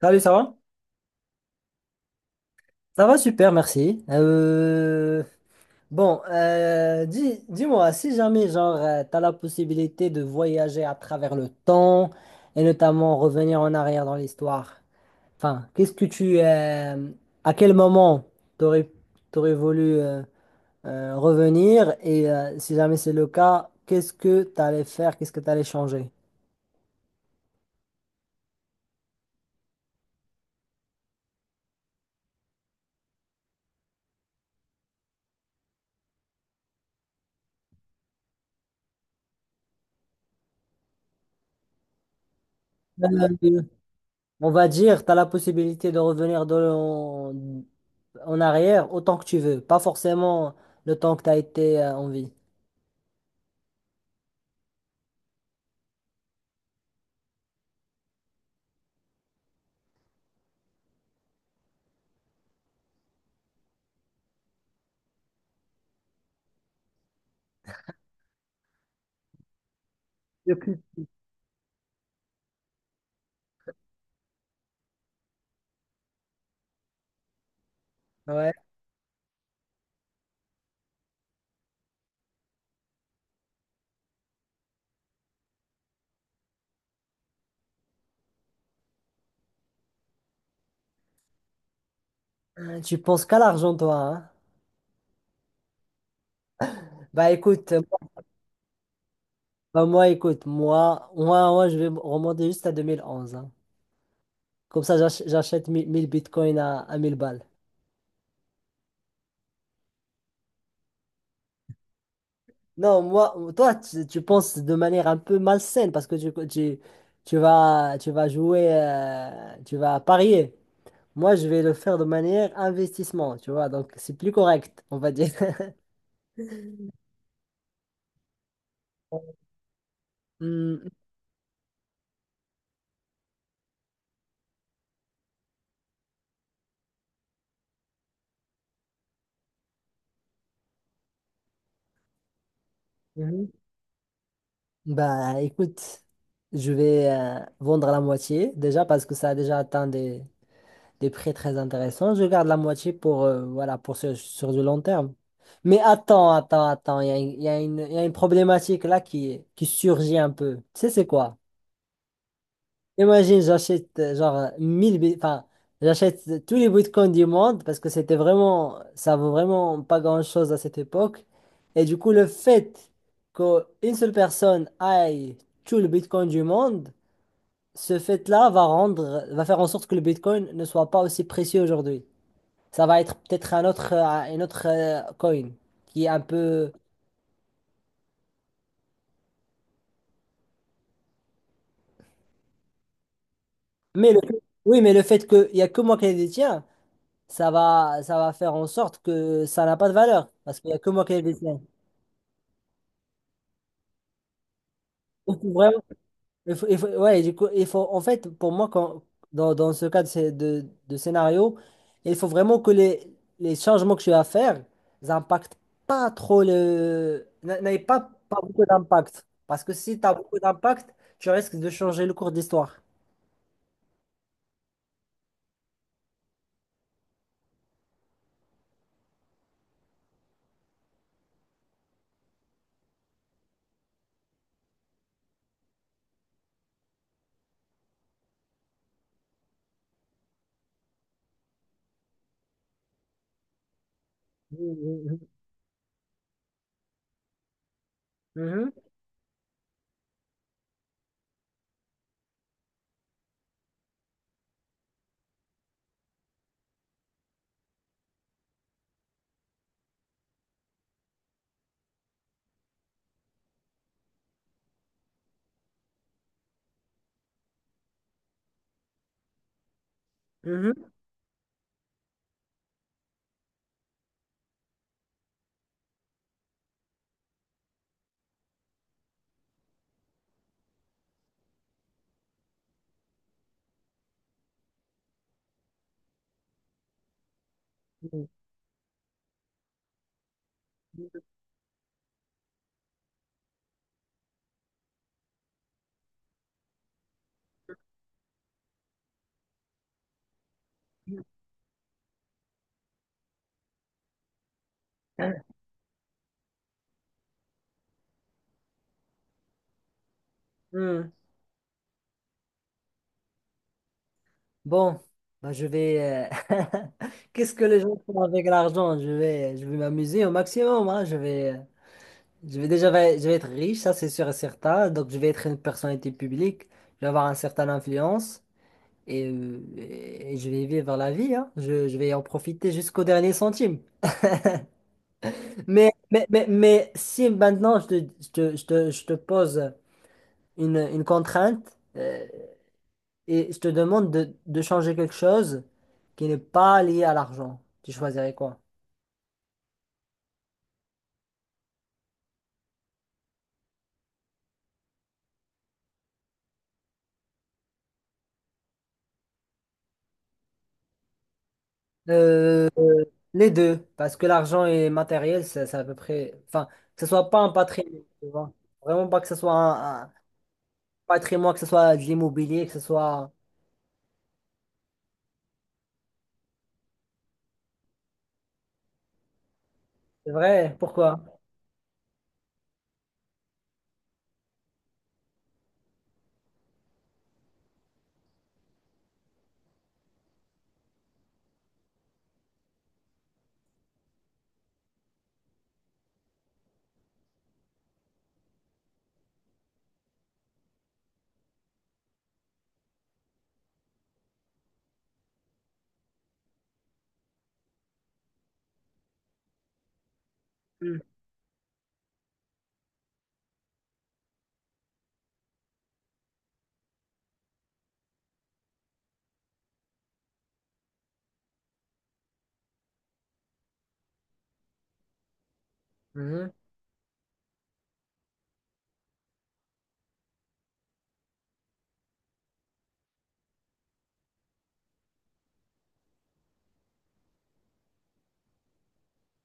Salut, ça va? Ça va super, merci. Bon, dis-moi, si jamais, genre, tu as la possibilité de voyager à travers le temps et notamment revenir en arrière dans l'histoire, enfin, à quel moment t'aurais, t'aurais voulu revenir et si jamais c'est le cas, qu'est-ce que tu allais faire, qu'est-ce que tu allais changer? Euh, On va dire, tu as la possibilité de revenir en arrière autant que tu veux, pas forcément le temps que tu as été en vie. Depuis. Ouais, tu penses qu'à l'argent, toi, hein? Bah écoute, bah, moi, écoute, je vais me remonter juste à 2011, hein. Comme ça, j'achète mille bitcoins à 1000 balles. Non, moi, toi, tu penses de manière un peu malsaine parce que tu vas jouer, tu vas parier. Moi, je vais le faire de manière investissement, tu vois. Donc, c'est plus correct, on va dire. Hmm, mhm. Bah, écoute, je vais vendre la moitié déjà parce que ça a déjà atteint des prix très intéressants. Je garde la moitié, voilà, sur du long terme. Mais attends, il y a une problématique là qui surgit un peu. Tu sais, c'est quoi? Imagine, j'achète j'achète tous les bitcoins du monde parce que c'était vraiment, ça vaut vraiment pas grand-chose à cette époque. Et du coup, le fait qu'une seule personne aille tout le bitcoin du monde, ce fait-là va rendre, va faire en sorte que le bitcoin ne soit pas aussi précieux aujourd'hui. Ça va être peut-être un autre coin qui est un peu. Mais le... Oui, mais le fait qu'il y a que moi qui les détiens. Ça va faire en sorte que ça n'a pas de valeur, parce qu'il n'y a que moi qui ai dessiné. Il faut vraiment, il faut- Ouais, du coup, il faut, en fait, pour moi, dans ce cas de scénario, il faut vraiment que les changements que tu vas faire n'impactent pas trop le... n'a- n'aient pas beaucoup d'impact. Parce que si tu as beaucoup d'impact, tu risques de changer le cours d'histoire. Mhm, mhm, mhm, mhm, mhm. Bon, bah, je vais. Qu'est-ce que les gens font avec l'argent? Je vais m'amuser au maximum, hein. Je vais déjà, je vais être riche, ça c'est sûr et certain. Donc je vais être une personnalité publique. Je vais avoir une certaine influence et je vais vivre la vie, hein. Je vais en profiter jusqu'au dernier centime. Mais si maintenant je te pose une contrainte. Et je te demande de changer quelque chose qui n'est pas lié à l'argent. Tu choisirais quoi? Euh, les deux, parce que l'argent et matériel, c'est à peu près. Enfin, que ce soit pas un patrimoine, tu vois. Vraiment pas que ce soit un patrimoine, que ce soit de l'immobilier, que ce soit. C'est vrai, pourquoi? Hmm. Mhm.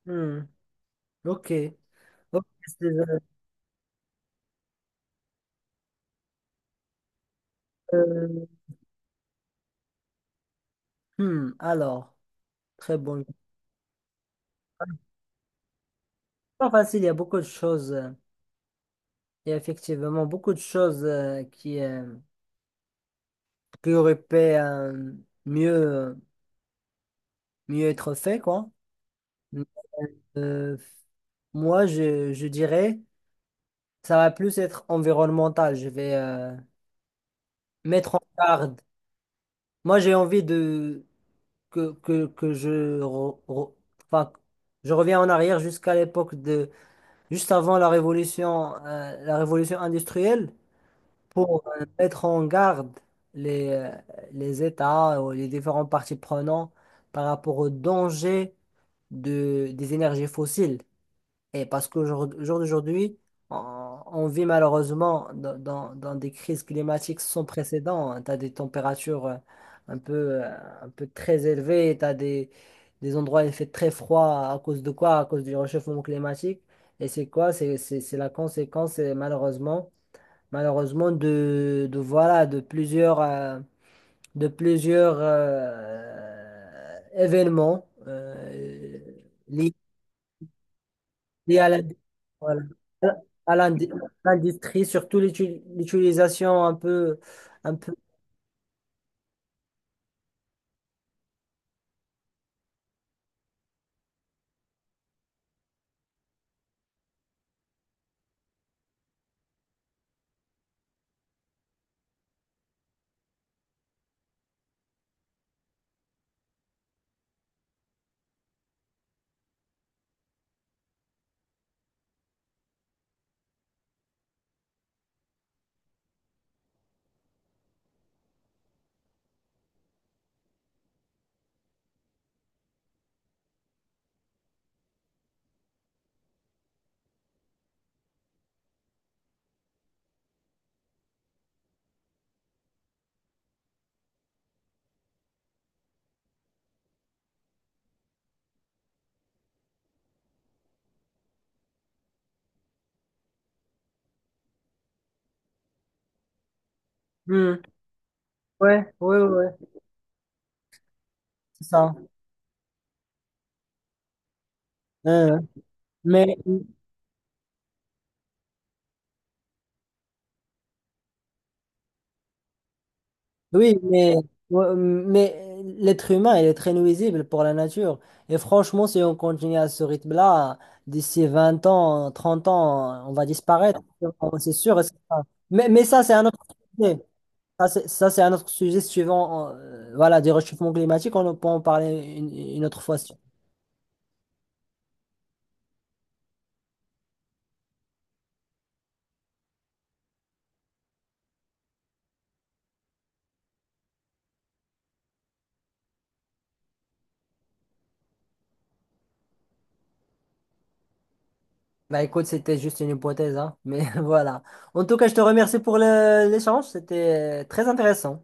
Hmm. Ok. Ok, euh, hmm, Alors, très bon. Pas facile, il y a beaucoup de choses. Il y a effectivement beaucoup de choses qui aurait pu mieux, mieux être fait, quoi. Euh, Moi, je dirais, ça va plus être environnemental. Je vais mettre en garde. Moi, j'ai envie de que je, re- re- enfin, je reviens en arrière jusqu'à l'époque de, juste avant la révolution industrielle. Pour mettre en garde les, euh, les États ou les différents parties prenantes par rapport au danger des énergies fossiles. Et parce qu'au jour d'aujourd'hui, on vit malheureusement dans des crises climatiques sans précédent. Tu as des températures un peu, euh, un peu très élevées, tu as des endroits où il fait très froid à cause de quoi? À cause du réchauffement climatique. Et c'est quoi? C'est la conséquence, et malheureusement de plusieurs événements liés liés à voilà, à l'ind- l'industrie, surtout l'utilisation un peu. Hmm. Ouais, ouais, ouais, c'est ça. Hein, hein. mais Oui, mais, l'être humain, il est très nuisible pour la nature. Et franchement, si on continue à ce rythme-là, d'ici 20 ans, 30 ans, on va disparaître. C'est sûr et certain. Mais ça, c'est un autre sujet. C'est un autre sujet suivant, voilà, du réchauffement climatique. On peut en parler une autre fois. Bah écoute, c'était juste une hypothèse, hein. Mais voilà. En tout cas, je te remercie pour l'échange. C'était très intéressant.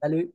Salut.